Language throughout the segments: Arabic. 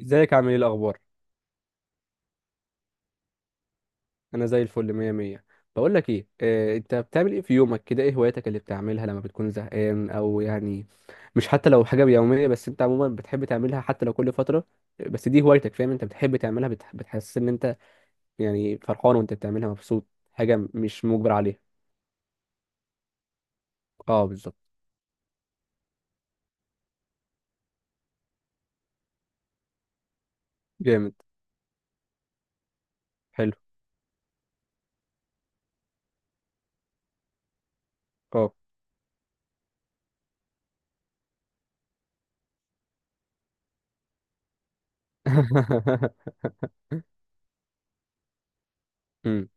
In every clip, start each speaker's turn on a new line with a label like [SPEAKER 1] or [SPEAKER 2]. [SPEAKER 1] ازيك؟ عامل ايه؟ الاخبار؟ انا زي الفل، مية مية. بقول لك ايه آه، انت بتعمل ايه في يومك كده؟ ايه هواياتك اللي بتعملها لما بتكون زهقان او يعني مش حتى لو حاجه يوميه، بس انت عموما بتحب تعملها حتى لو كل فتره، بس دي هوايتك، فاهم؟ انت بتحب تعملها، بتحس ان انت يعني فرحان وانت بتعملها، مبسوط، حاجه مش مجبر عليها. اه بالظبط. جامد. حلو. اه. مم.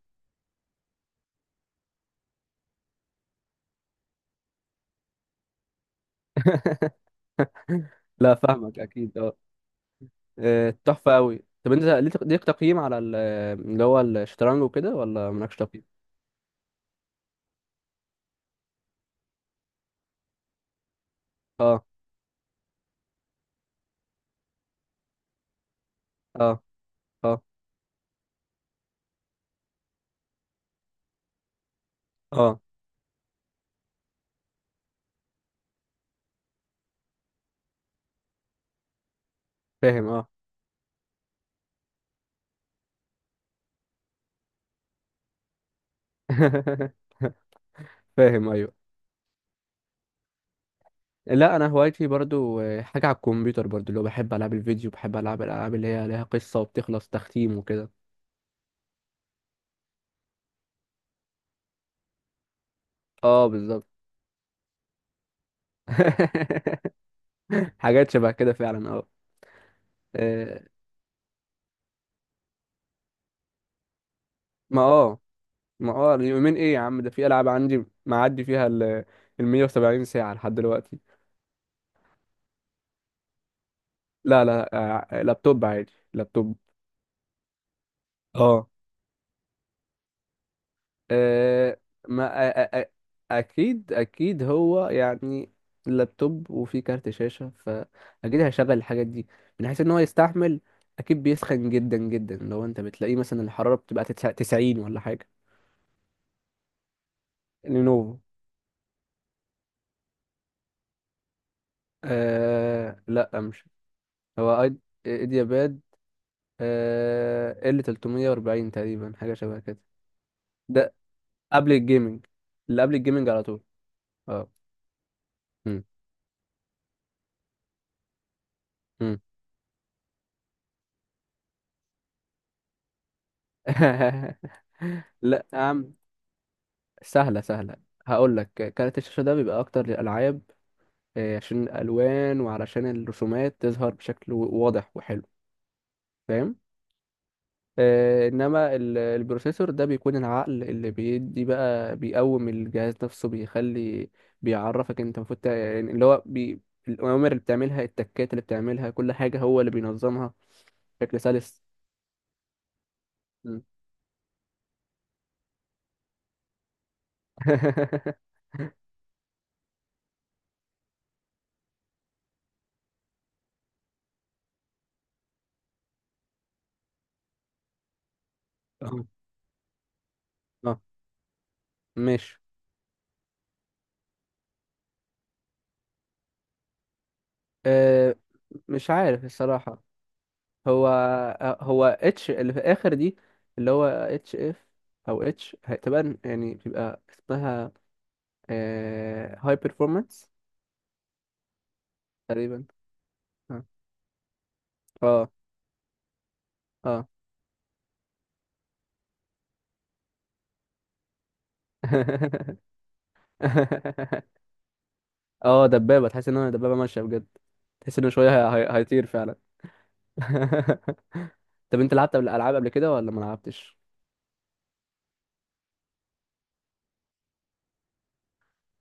[SPEAKER 1] لا فاهمك اكيد آه. آه، تحفة أوي. طب أنت ليك تقييم على اللي هو الشطرنج وكده، ولا مالكش تقييم؟ اه، اه، اه، اه، فاهم اه. فاهم أيوه. لا أنا هوايتي برضو آه، حاجة على الكمبيوتر برضو، اللي هو بحب ألعاب الفيديو، بحب ألعب الألعاب اللي هي ليها قصة وبتخلص تختيم وكده. اه بالظبط. حاجات شبه كده فعلا، اه آه. ما اه، ما اه، اليومين ايه يا عم؟ ده في ألعاب عندي معدي فيها ال 170 ساعة لحد دلوقتي. لا لا، آه، لابتوب عادي، لابتوب. اه آه، ما آه، آه، آه، اكيد اكيد هو يعني اللابتوب وفيه كارت شاشة، فاكيد هيشغل الحاجات دي، من حيث ان هو يستحمل. اكيد بيسخن جدا جدا، لو انت بتلاقيه مثلا الحرارة بتبقى 90 ولا حاجة. لينوفو. آه لا مش هو ايد، ايدياباد. آه ال 340 تقريبا، حاجة شبه كده. ده قبل الجيمنج، اللي قبل الجيمنج على طول. اه. مم. لا يا عم، سهلة سهلة، هقول لك. كارت الشاشة ده بيبقى أكتر للألعاب، آه، عشان الألوان وعلشان الرسومات تظهر بشكل واضح وحلو، فاهم؟ آه، إنما البروسيسور ده بيكون العقل اللي بيدي بقى، بيقوم الجهاز نفسه، بيخلي بيعرفك أنت المفروض يعني اللي هو الأوامر اللي بتعملها، التكات اللي بتعملها، كل حاجة هو اللي بينظمها بشكل سلس. م. اه آه، ماشي. أه، مش عارف الصراحة. هو آه، هو اتش اللي في الآخر دي، اللي هو اتش اف، أو اتش، تبان يعني بيبقى اسمها هاي performance تقريبا. اه، اه، اه. اه دبابة، تحس ان هو دبابة ماشية بجد، تحس انه شوية هيطير فعلا. طب انت لعبت قبل العاب قبل كده ولا ما لعبتش؟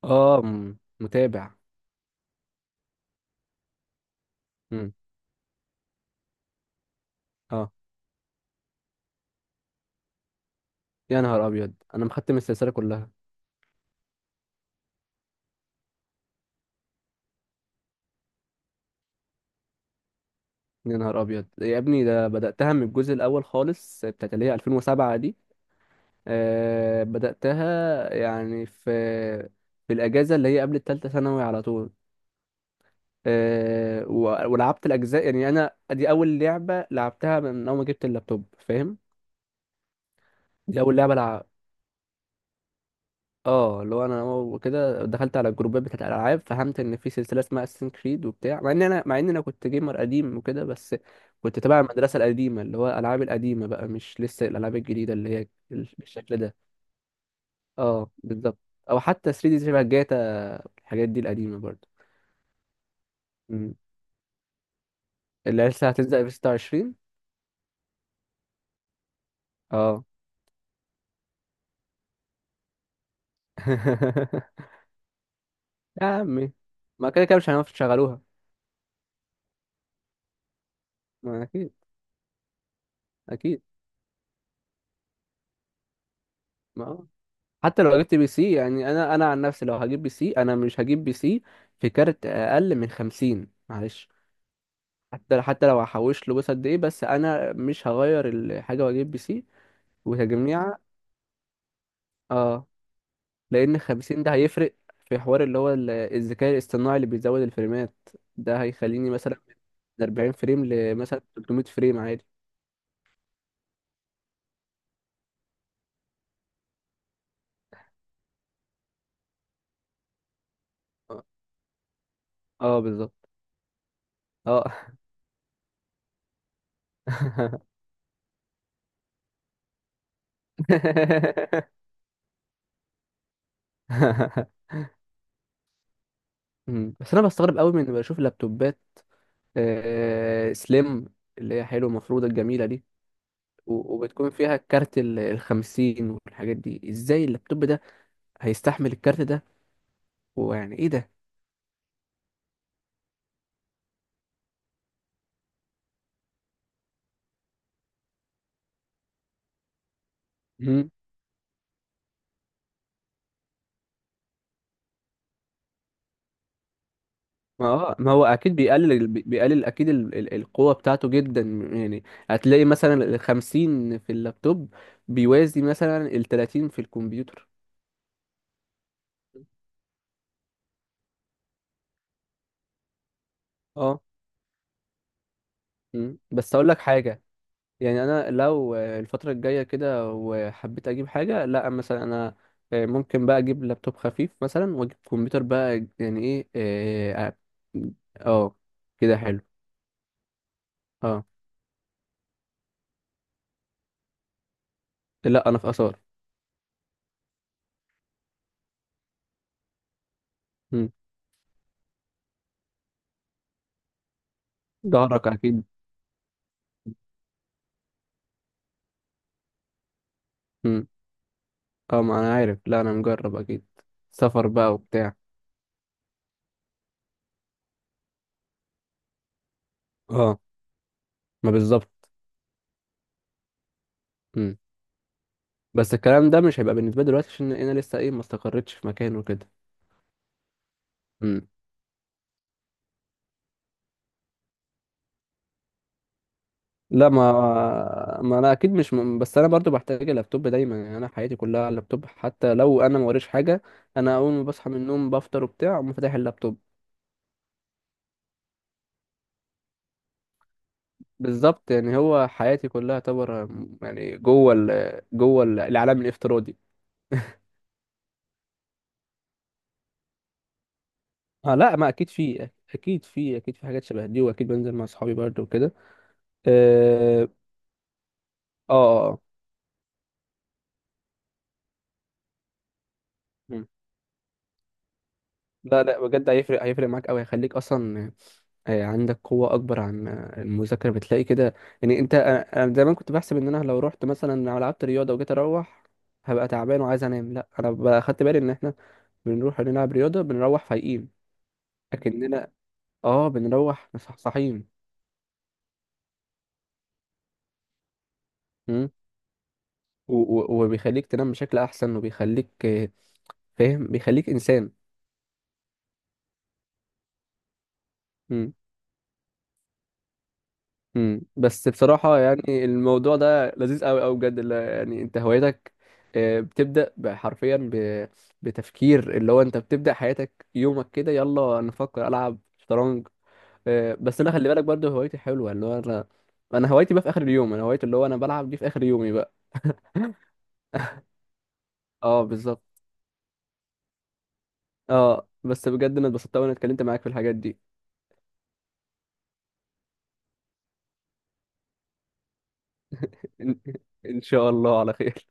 [SPEAKER 1] اه، متابع. مم. اه يا نهار ابيض، انا مختم السلسلة كلها. يا نهار ابيض يا ابني، ده بداتها من الجزء الاول خالص، بتاعت اللي هي 2007 دي. أه، بداتها يعني في في الاجازه اللي هي قبل الثالثه ثانوي على طول. أه ولعبت الاجزاء، يعني انا دي اول لعبه لعبتها من اول ما جبت اللابتوب، فاهم؟ دي اول لعبه. اه اللي هو انا وكده دخلت على الجروبات بتاعت الالعاب، فهمت ان في سلسله اسمها اساسن كريد وبتاع، مع ان انا مع ان انا كنت جيمر قديم وكده، بس كنت تبع المدرسه القديمه، اللي هو الالعاب القديمه بقى، مش لسه الالعاب الجديده اللي هي بالشكل ده. اه بالظبط، او حتى 3 دي شبه جاتا، الحاجات دي القديمه برضه. مم. اللي لسه هتنزل في 26. اه. يا عمي ما كده كده مش هنعرف نشغلوها. ما اكيد، اكيد. ما آه. حتى لو جبت بي سي يعني، انا انا عن نفسي لو هجيب بي سي، انا مش هجيب بي سي في كارت اقل من 50، معلش. حتى حتى لو هحوش له، بس قد ايه، بس انا مش هغير الحاجه واجيب بي سي وكجميع. اه لان 50 ده هيفرق في حوار اللي هو الذكاء الاصطناعي اللي بيزود الفريمات، ده هيخليني مثلا من 40 فريم لمثلا 300 فريم عادي. اه آه، بالظبط. اه. مم. بس انا بستغرب قوي من بشوف لابتوبات آه، سليم، اللي هي حلو، المفروضة الجميلة دي، وبتكون فيها كارت ال الخمسين والحاجات دي، ازاي اللابتوب ده هيستحمل الكارت ده ويعني ايه ده. مم. ما هو، ما هو اكيد بيقلل بيقلل اكيد القوة بتاعته جدا، يعني هتلاقي مثلا ال 50 في اللابتوب بيوازي مثلا ال 30 في الكمبيوتر. اه. مم. بس اقول لك حاجة، يعني انا لو الفتره الجايه كده وحبيت اجيب حاجه، لا مثلا انا ممكن بقى اجيب لابتوب خفيف مثلا، واجيب كمبيوتر بقى، يعني ايه اه آه، آه، كده حلو. اه لا انا في اثار. مم. ظهرك اكيد. مم. اه ما انا عارف، لا انا مجرب اكيد. سفر بقى وبتاع. اه ما بالظبط. مم. بس الكلام ده مش هيبقى بالنسبه لي دلوقتي، عشان انا لسه ايه، ما استقرتش في مكان وكده. لا ما، ما انا اكيد مش بس انا برضو بحتاج اللابتوب دايما، يعني انا حياتي كلها على اللابتوب، حتى لو انا ما وريش حاجه، انا اول ما بصحى من النوم بفطر وبتاع اقوم فاتح اللابتوب. بالظبط، يعني هو حياتي كلها تعتبر يعني جوه العالم الافتراضي. اه لا ما اكيد في، اكيد في، اكيد في حاجات شبه دي، واكيد بنزل مع اصحابي برضو وكده. اه، اه آه. مم. لا لا بجد، هيفرق هيفرق معاك قوي، هيخليك اصلا آه، عندك قوة أكبر عن آه، المذاكرة، بتلاقي كده يعني. أنت، أنا دايما كنت بحسب إن أنا لو رحت مثلا لو لعبت رياضة وجيت أروح هبقى تعبان وعايز أنام، لأ أنا بقى خدت بالي إن إحنا بنروح نلعب رياضة بنروح فايقين، لكننا آه بنروح مصحصحين. مم. و- وبيخليك تنام بشكل أحسن، وبيخليك آه، فاهم بيخليك إنسان. إمم. بس بصراحة يعني الموضوع ده لذيذ قوي قوي بجد، يعني انت هوايتك آه، بتبدأ حرفيا بتفكير، اللي هو انت بتبدأ حياتك يومك كده، يلا نفكر العب شطرنج. آه، بس انا خلي بالك برضه هوايتي حلوة، اللي هو انا انا هوايتي بقى في اخر اليوم، انا هوايتي اللي هو انا بلعب دي في اخر يومي بقى. اه بالظبط. اه بس بجد انا اتبسطت وانا اتكلمت معاك في الحاجات دي. ان إن شاء الله على خير.